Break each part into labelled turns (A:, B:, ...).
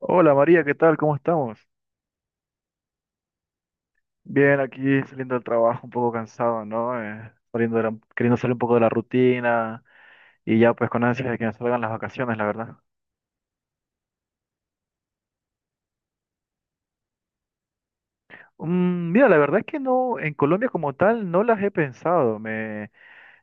A: Hola María, ¿qué tal? ¿Cómo estamos? Bien, aquí saliendo del trabajo, un poco cansado, ¿no? Saliendo queriendo salir un poco de la rutina y ya pues con ansias de que nos salgan las vacaciones, la verdad. Mm, mira, la verdad es que no, en Colombia como tal no las he pensado.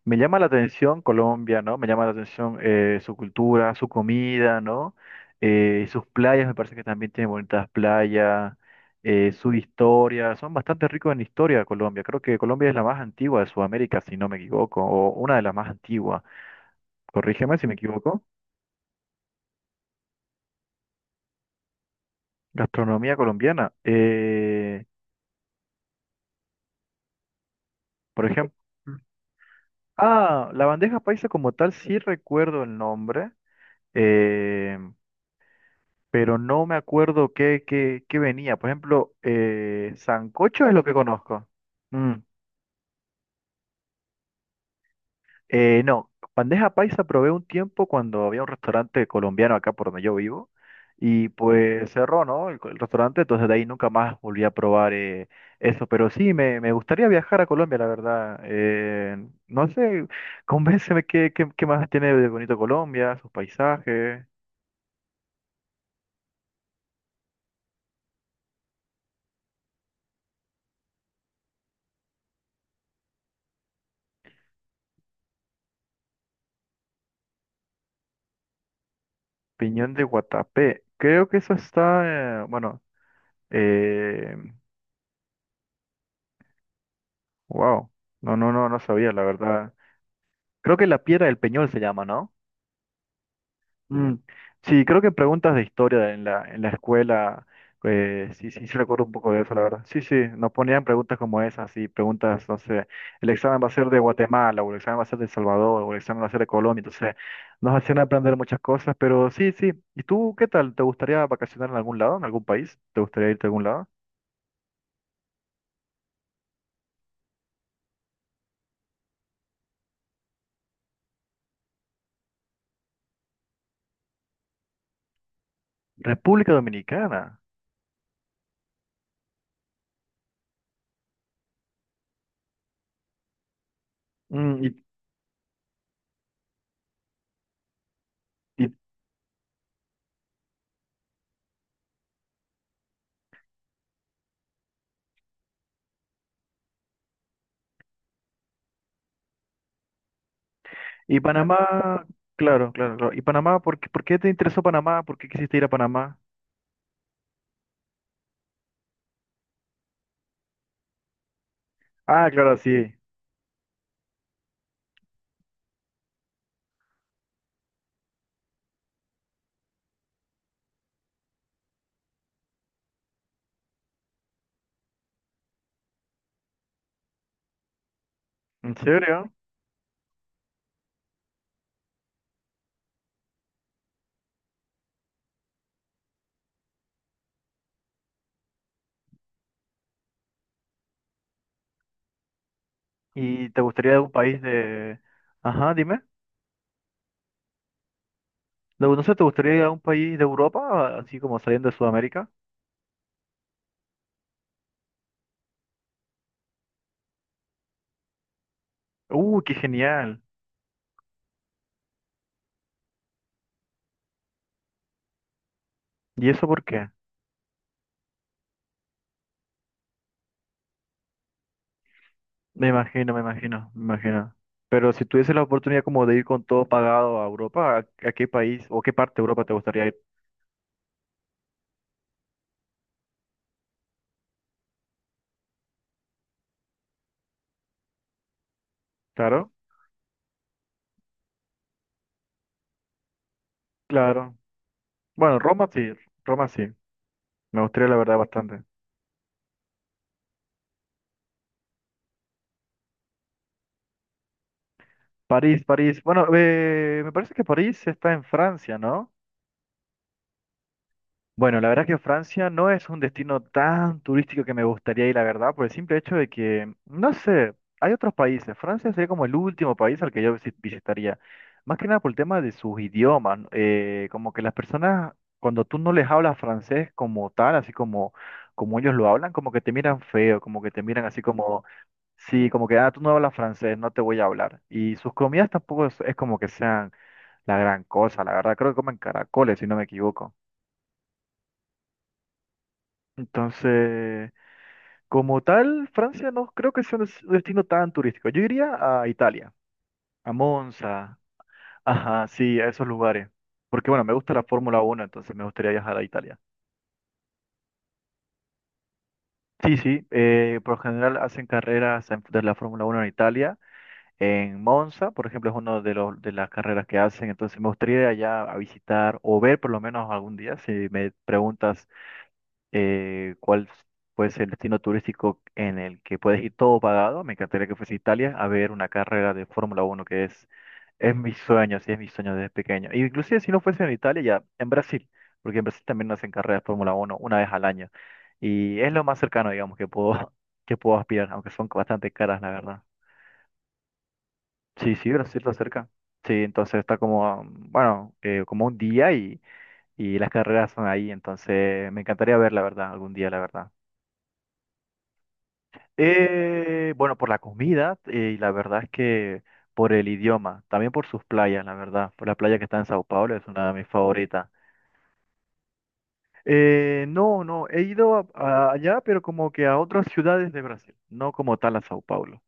A: Me llama la atención Colombia, ¿no? Me llama la atención su cultura, su comida, ¿no? Sus playas, me parece que también tiene bonitas playas, su historia. Son bastante ricos en historia Colombia. Creo que Colombia es la más antigua de Sudamérica, si no me equivoco, o una de las más antiguas. Corrígeme si me equivoco. Gastronomía colombiana. Por ejemplo, ah, la bandeja paisa como tal, sí recuerdo el nombre. Eh, pero no me acuerdo qué venía. Por ejemplo, sancocho es lo que conozco. Mm, no, bandeja paisa probé un tiempo cuando había un restaurante colombiano acá por donde yo vivo y pues cerró, ¿no? El restaurante, entonces de ahí nunca más volví a probar eso. Pero sí, me gustaría viajar a Colombia, la verdad. No sé, convénceme qué más tiene de bonito Colombia, sus paisajes. Piñón de Guatapé. Creo que eso está, bueno, eh, wow. No, no, no, no sabía, la verdad. Creo que la piedra del Peñol se llama, ¿no? Mm. Sí, creo que en preguntas de historia en la escuela, pues sí, sí, sí recuerdo un poco de eso, la verdad. Sí, sí, nos ponían preguntas como esas, sí, preguntas, no sé, el examen va a ser de Guatemala, o el examen va a ser de El Salvador, o el examen va a ser de Colombia, entonces nos hacían aprender muchas cosas, pero sí, sí. ¿Y tú qué tal? ¿Te gustaría vacacionar en algún lado, en algún país? ¿Te gustaría irte a algún lado? República Dominicana. Mm, ¿y, ¿y Panamá, claro, claro, claro? ¿Y Panamá? Por qué te interesó Panamá? ¿Por qué quisiste ir a Panamá? Ah, claro, sí. ¿En serio? ¿Y te gustaría ir a un país de... Ajá, dime. No sé, ¿te gustaría ir a un país de Europa, así como saliendo de Sudamérica? Qué genial. ¿Y eso por qué? Me imagino, me imagino, me imagino. Pero si tuviese la oportunidad como de ir con todo pagado a Europa, ¿a qué país o qué parte de Europa te gustaría ir? Claro, claro. Bueno, Roma sí, Roma sí. Me gustaría la verdad bastante. París, París. Bueno, me parece que París está en Francia, ¿no? Bueno, la verdad que Francia no es un destino tan turístico que me gustaría ir, la verdad, por el simple hecho de que, no sé, hay otros países. Francia sería como el último país al que yo visitaría. Más que nada por el tema de sus idiomas, ¿no? Como que las personas, cuando tú no les hablas francés como tal, así como, como ellos lo hablan, como que te miran feo, como que te miran así como... Sí, como que, ah, tú no hablas francés, no te voy a hablar. Y sus comidas tampoco es, es como que sean la gran cosa, la verdad, creo que comen caracoles, si no me equivoco. Entonces, como tal, Francia no creo que sea un destino tan turístico. Yo iría a Italia, a Monza, ajá, sí, a esos lugares. Porque bueno, me gusta la Fórmula Uno, entonces me gustaría viajar a Italia. Sí, sí, por lo general hacen carreras de la Fórmula Uno en Italia. En Monza, por ejemplo, es una de, de las carreras que hacen, entonces me gustaría ir allá a visitar o ver por lo menos algún día, si me preguntas cuál puede ser el destino turístico en el que puedes ir todo pagado. Me encantaría que fuese Italia a ver una carrera de Fórmula Uno, que es mi sueño, sí, es mi sueño desde pequeño. Y inclusive si no fuese en Italia, ya en Brasil, porque en Brasil también hacen carreras de Fórmula Uno una vez al año. Y es lo más cercano, digamos, que puedo, que puedo aspirar, aunque son bastante caras, la verdad. Sí, sí, Brasil está cerca. Sí, entonces está como, bueno, como un día, y las carreras son ahí, entonces me encantaría ver, la verdad, algún día, la verdad. Bueno, por la comida y la verdad es que por el idioma, también por sus playas, la verdad. Por la playa que está en Sao Paulo es una de mis favoritas. No, no, he ido allá, pero como que a otras ciudades de Brasil, no como tal a Sao Paulo.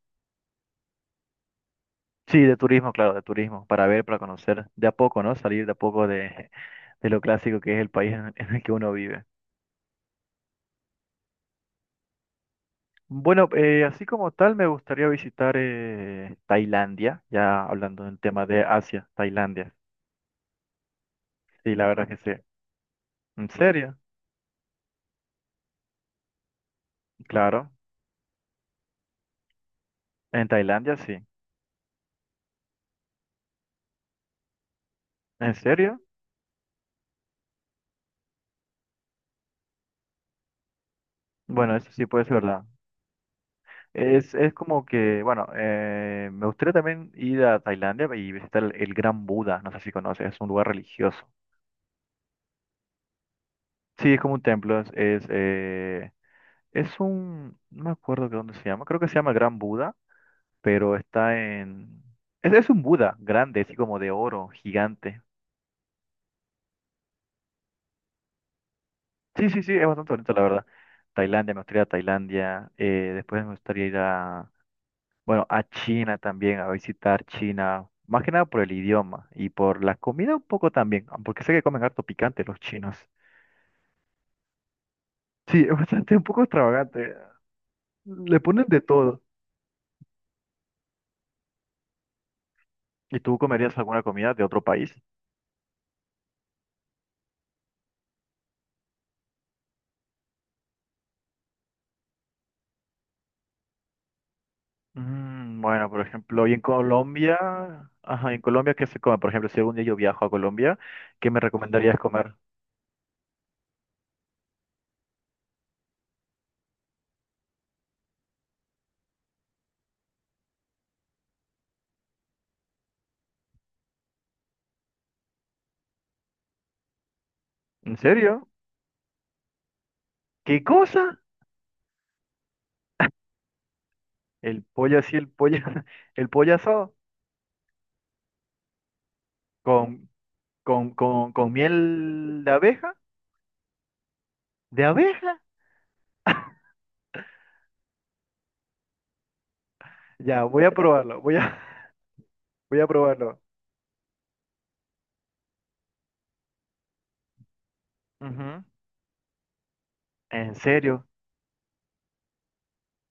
A: Sí, de turismo, claro, de turismo, para ver, para conocer de a poco, ¿no? Salir de a poco de, de lo clásico que es el país en el que uno vive. Bueno, así como tal, me gustaría visitar Tailandia, ya hablando del tema de Asia, Tailandia. Sí, la verdad que sí. ¿En serio? Claro. En Tailandia sí. ¿En serio? Bueno, eso sí puede ser verdad. Es como que, bueno, me gustaría también ir a Tailandia y visitar el Gran Buda. No sé si conoces, es un lugar religioso. Sí, es como un templo, es un, no me acuerdo de dónde se llama, creo que se llama Gran Buda, pero está en, es un Buda grande, así como de oro, gigante. Sí, sí, sí, es bastante bonito, la verdad. Tailandia, me gustaría ir a Tailandia, después me gustaría ir a, bueno, a China también, a visitar China, más que nada por el idioma y por la comida un poco también, ah, porque sé que comen harto picante los chinos. Sí, es bastante un poco extravagante. Le ponen de todo. ¿Y tú comerías alguna comida de otro país? Mm, bueno, por ejemplo, y en Colombia, ajá, ¿y en Colombia qué se come? Por ejemplo, si algún día yo viajo a Colombia, ¿qué me recomendarías comer? ¿En serio? ¿Qué cosa? El pollo así, el pollo, el pollo asado con, con miel de abeja, de abeja. Ya, voy a probarlo, voy a, voy a probarlo. Ujú. ¿En serio?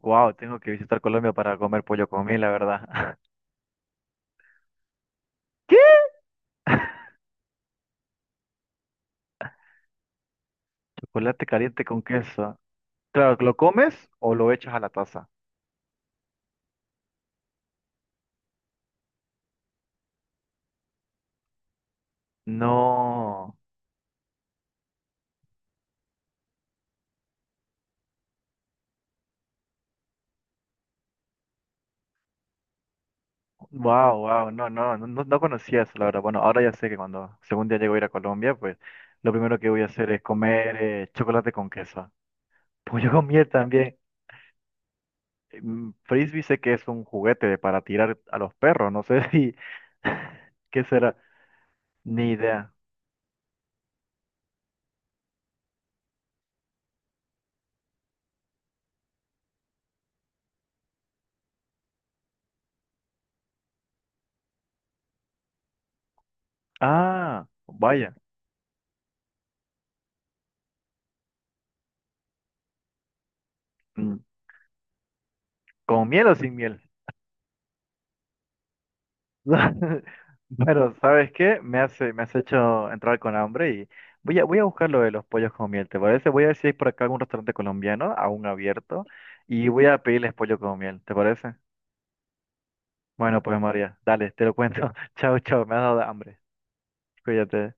A: Wow, tengo que visitar Colombia para comer pollo con miel, la verdad. ¿Qué? Chocolate caliente con queso. Claro, ¿lo comes o lo echas a la taza? No. Wow, wow, no, no, no, no conocía eso, la verdad. Bueno, ahora ya sé que cuando según día llego a ir a Colombia, pues lo primero que voy a hacer es comer chocolate con queso. Pollo con miel también. Mm, Frisbee sé que es un juguete para tirar a los perros, no sé si... ¿Qué será? Ni idea. Ah, vaya. Mm, ¿con miel o sin miel? Pero, ¿sabes qué? Me hace, me has hecho entrar con hambre y voy a, voy a buscar lo de los pollos con miel, ¿te parece? Voy a ver si hay por acá algún restaurante colombiano aún abierto y voy a pedirles pollo con miel, ¿te parece? Bueno, pues María, dale, te lo cuento. Chao, chao, me has dado hambre. Cuídate.